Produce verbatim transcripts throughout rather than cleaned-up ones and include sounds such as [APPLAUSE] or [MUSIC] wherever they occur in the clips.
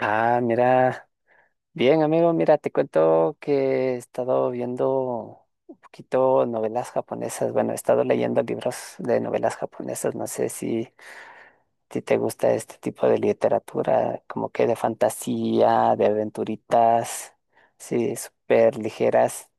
Ah, mira, bien amigo, mira, te cuento que he estado viendo un poquito novelas japonesas, bueno, he estado leyendo libros de novelas japonesas, no sé si, si te gusta este tipo de literatura, como que de fantasía, de aventuritas, sí, súper ligeras.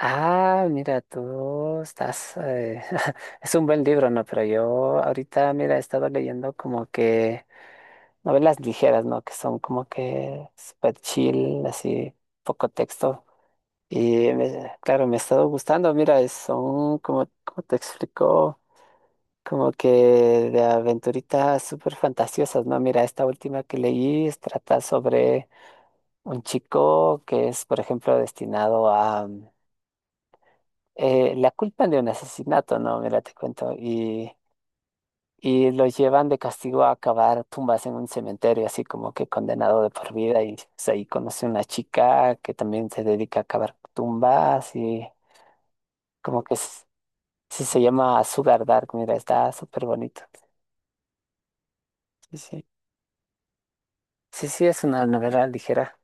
Ah, mira, tú estás, eh, [LAUGHS] es un buen libro, ¿no? Pero yo ahorita, mira, he estado leyendo como que novelas ligeras, ¿no? Que son como que super chill, así, poco texto. Y me- claro, me ha estado gustando. Mira, es- son como, como te explico, como que de aventuritas súper fantasiosas, ¿no? Mira, esta última que leí es- trata sobre un chico que es, por ejemplo, destinado a mm, eh, la culpa de un asesinato, ¿no? Mira, te cuento. Y y los llevan de castigo a cavar tumbas en un cementerio, así como que condenado de por vida. Y pues, ahí conoce una chica que también se dedica a cavar tumbas y como que s- sí se llama Sugar Dark, mira, está súper bonito. Sí, sí. Sí, sí, es una novela ligera.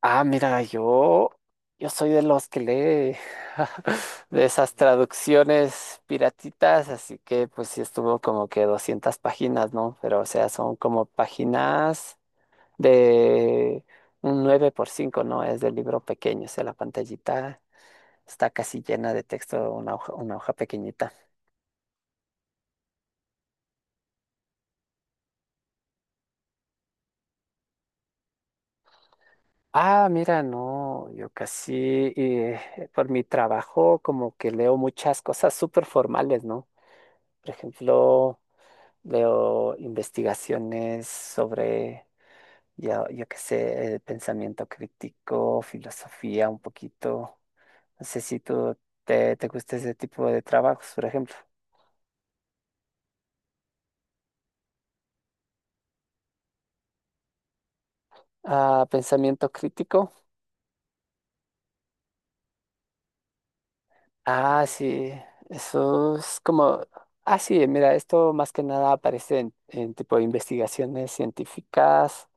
Ah, mira, yo, yo soy de los que lee [LAUGHS] de esas traducciones piratitas, así que pues sí estuvo como que doscientas páginas, ¿no? Pero o sea, son como páginas de un nueve por cinco, ¿no? Es del libro pequeño, o sea, la pantallita está casi llena de texto, una hoja, una hoja pequeñita. Ah, mira, no, yo casi eh, por mi trabajo como que leo muchas cosas súper formales, ¿no? Por ejemplo, leo investigaciones sobre, ya, yo qué sé, eh, pensamiento crítico, filosofía un poquito. No sé si tú te, te gusta ese tipo de trabajos, por ejemplo. Ah, pensamiento crítico. Ah, sí, eso es como Ah, sí, mira, esto más que nada aparece en, en tipo de investigaciones científicas.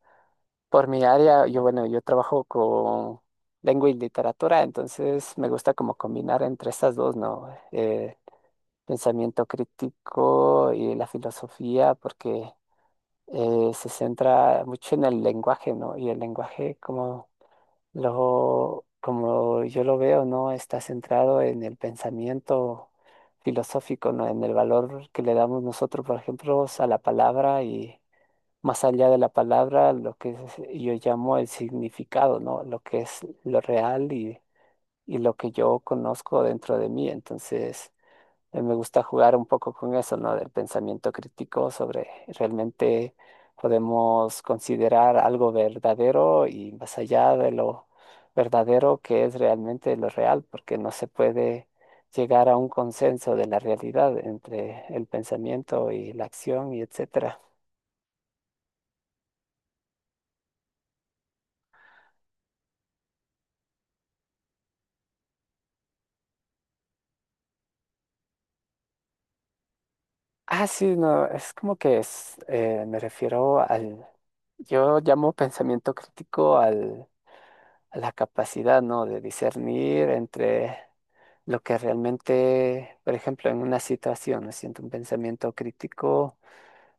Por mi área, yo, bueno, yo trabajo con lengua y literatura, entonces me gusta como combinar entre estas dos, ¿no? Eh, pensamiento crítico y la filosofía, porque eh, se centra mucho en el lenguaje, ¿no? Y el lenguaje como Lo, como yo lo veo, no está centrado en el pensamiento filosófico, ¿no? En el valor que le damos nosotros, por ejemplo, a la palabra y más allá de la palabra, lo que es- yo llamo el significado, ¿no? Lo que es lo real y, y lo que yo conozco dentro de mí. Entonces, eh, me gusta jugar un poco con eso, ¿no? Del pensamiento crítico sobre realmente podemos considerar algo verdadero y más allá de lo verdadero que es realmente lo real, porque no se puede llegar a un consenso de la realidad entre el pensamiento y la acción y etcétera. Ah, sí, no, es como que es, eh, me refiero al, yo llamo pensamiento crítico al, a la capacidad, ¿no? De discernir entre lo que realmente, por ejemplo, en una situación, me siento un pensamiento crítico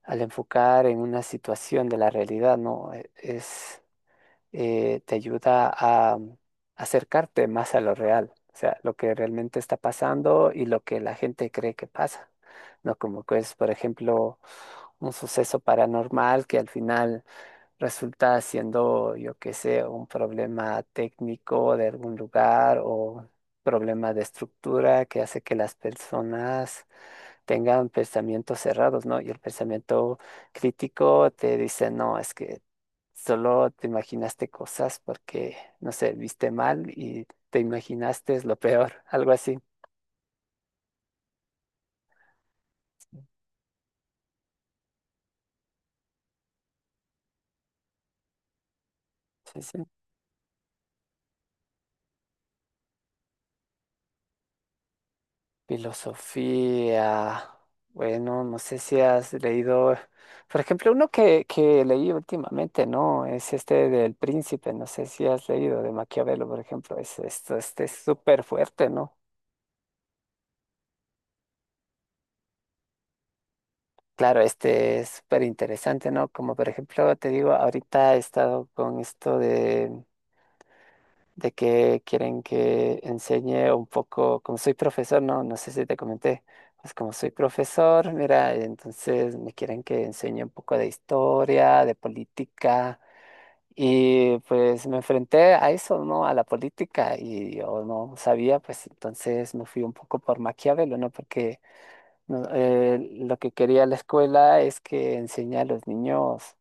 al enfocar en una situación de la realidad, ¿no? E- Es, eh, te ayuda a mm, acercarte más a lo real, o sea, lo que realmente está pasando y lo que la gente cree que pasa, ¿no? Como que es, por ejemplo, un suceso paranormal que al final resulta siendo, yo qué sé, un problema técnico de algún lugar o problema de estructura que hace que las personas tengan pensamientos cerrados, ¿no? Y el pensamiento crítico te dice, no, es que solo te imaginaste cosas porque, no sé, viste mal y te imaginaste lo peor, [LAUGHS] algo así. Sí, sí. Filosofía. Bueno, no sé si has leído, por ejemplo, uno que, que leí últimamente, ¿no? Es este del Príncipe, no sé si has leído de Maquiavelo, por ejemplo, es, esto, este es súper fuerte, ¿no? Claro, este es súper interesante, ¿no? Como por ejemplo, te digo, ahorita he estado con esto de que quieren que enseñe un poco, como soy profesor, no, no sé si te comenté, pues como soy profesor, mira, entonces me quieren que enseñe un poco de historia, de política, y pues me enfrenté a eso, ¿no? A la política, y yo no sabía, pues entonces me fui un poco por Maquiavelo, ¿no? Porque no, eh, lo que quería la escuela es que enseñe a los niños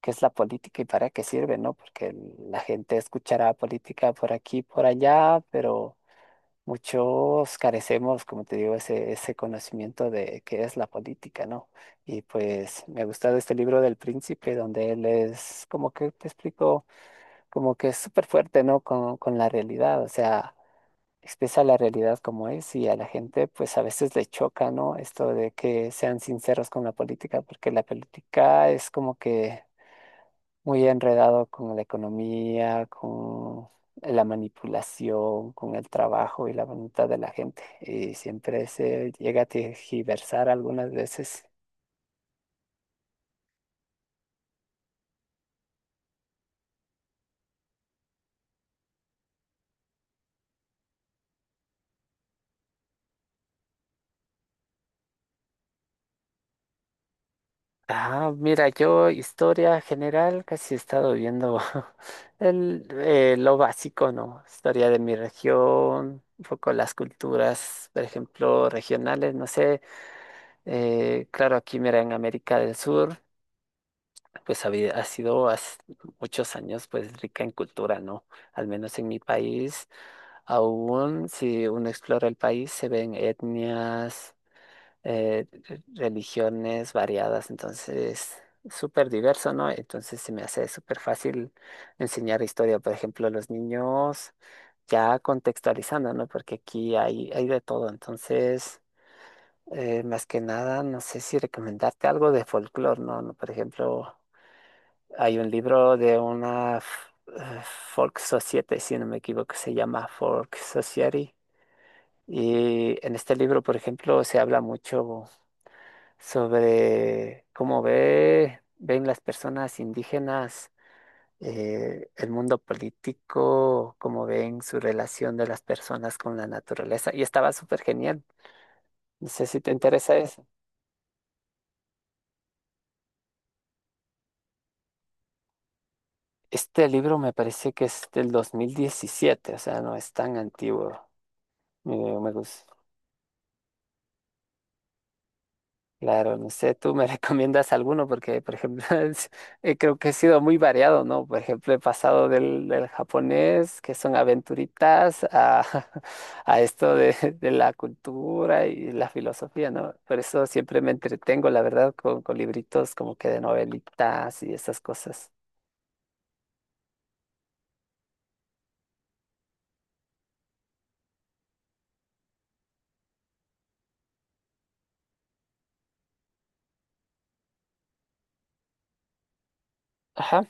qué es la política y para qué sirve, ¿no? Porque el- la gente escuchará política por aquí, por allá, pero muchos carecemos, como te digo, ese, ese conocimiento de qué es la política, ¿no? Y pues me ha gustado este libro del Príncipe, donde él es, como que te explico, como que es súper fuerte, ¿no? Con, con la realidad, o sea, expresa la realidad como es y a la gente pues a veces le choca, ¿no? Esto de que sean sinceros con la política, porque la política es como que muy enredado con la economía, con la manipulación, con el trabajo y la voluntad de la gente. Y siempre se llega a tergiversar algunas veces. Ah, mira, yo historia general casi he estado viendo [LAUGHS] el, eh, lo básico, ¿no? Historia de mi región, un poco las culturas, por ejemplo, regionales, no sé. eh, claro, aquí mira, en América del Sur. Pues había- ha sido hace muchos años pues rica en cultura, ¿no? Al menos en mi país, aún si uno explora el país, se ven etnias, eh, re- religiones variadas, entonces súper diverso, ¿no? Entonces se me hace súper fácil enseñar historia, por ejemplo, a los niños, ya contextualizando, ¿no? Porque aquí hay, hay de todo, entonces eh, más que nada, no sé si recomendarte algo de folclore, ¿no? No, por ejemplo, hay un libro de una f- eh, Folk Society, si no me equivoco, se llama Folk Society. Y en este libro, por ejemplo, se habla mucho sobre cómo ve, ven las personas indígenas eh, el mundo político, cómo ven su relación de las personas con la naturaleza. Y estaba súper genial. No sé si te interesa eso. Este libro me parece que es del dos mil diecisiete, o sea, no es tan antiguo. Me, me gusta. Claro, no sé, tú me [LAUGHS] recomiendas alguno porque, por ejemplo, [LAUGHS] es- eh, creo que he sido muy variado, ¿no? Por ejemplo, he pasado del, del japonés, que son aventuritas, a, [LAUGHS] a esto de, de la cultura y la filosofía, ¿no? Por eso siempre me entretengo, la verdad, con, con libritos como que de novelitas y esas cosas. Ajá.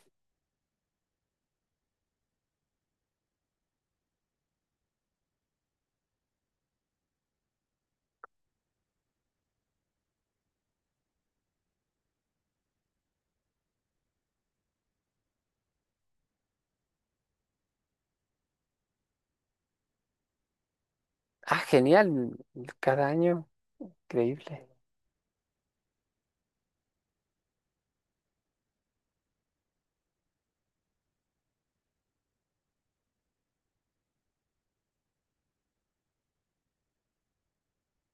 Ah, genial, cada año, increíble.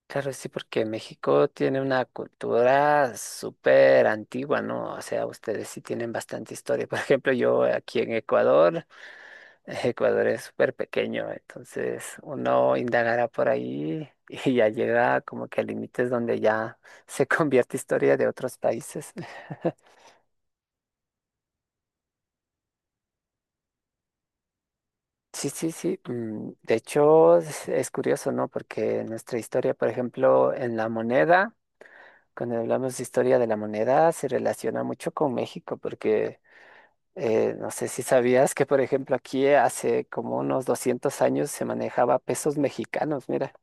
Claro, sí, porque México tiene una cultura súper antigua, ¿no? O sea, ustedes sí tienen bastante historia. [LAUGHS] Por ejemplo, yo aquí en Ecuador, [LAUGHS] Ecuador es súper pequeño, entonces uno indagará por ahí [LAUGHS] y ya llega como que a límites donde ya se convierte historia de otros países. [LAUGHS] Sí, sí, sí. mm, De hecho, es, es curioso, ¿no? Porque nuestra historia, por ejemplo, en la moneda, cuando hablamos de historia de la moneda, se relaciona mucho con México, porque Eh, no sé si sabías que, por ejemplo, aquí hace como unos doscientos años se manejaba pesos mexicanos, mira.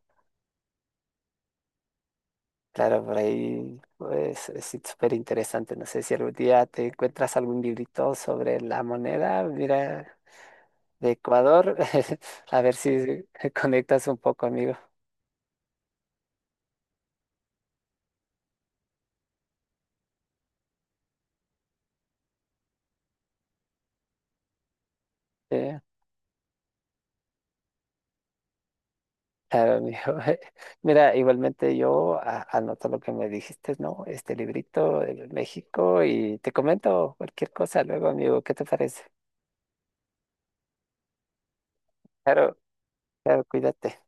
Claro, por ahí pues, es súper interesante. No sé si algún día te encuentras algún librito sobre la moneda, mira, de Ecuador. [LAUGHS] A ver si [LAUGHS] conectas un poco, amigo. Eh, Claro, amigo. [LAUGHS] Mira, igualmente yo a- anoto lo que me dijiste, ¿no? Este librito de México y te comento cualquier cosa luego, amigo. ¿Qué te parece? Claro, claro, cuídate.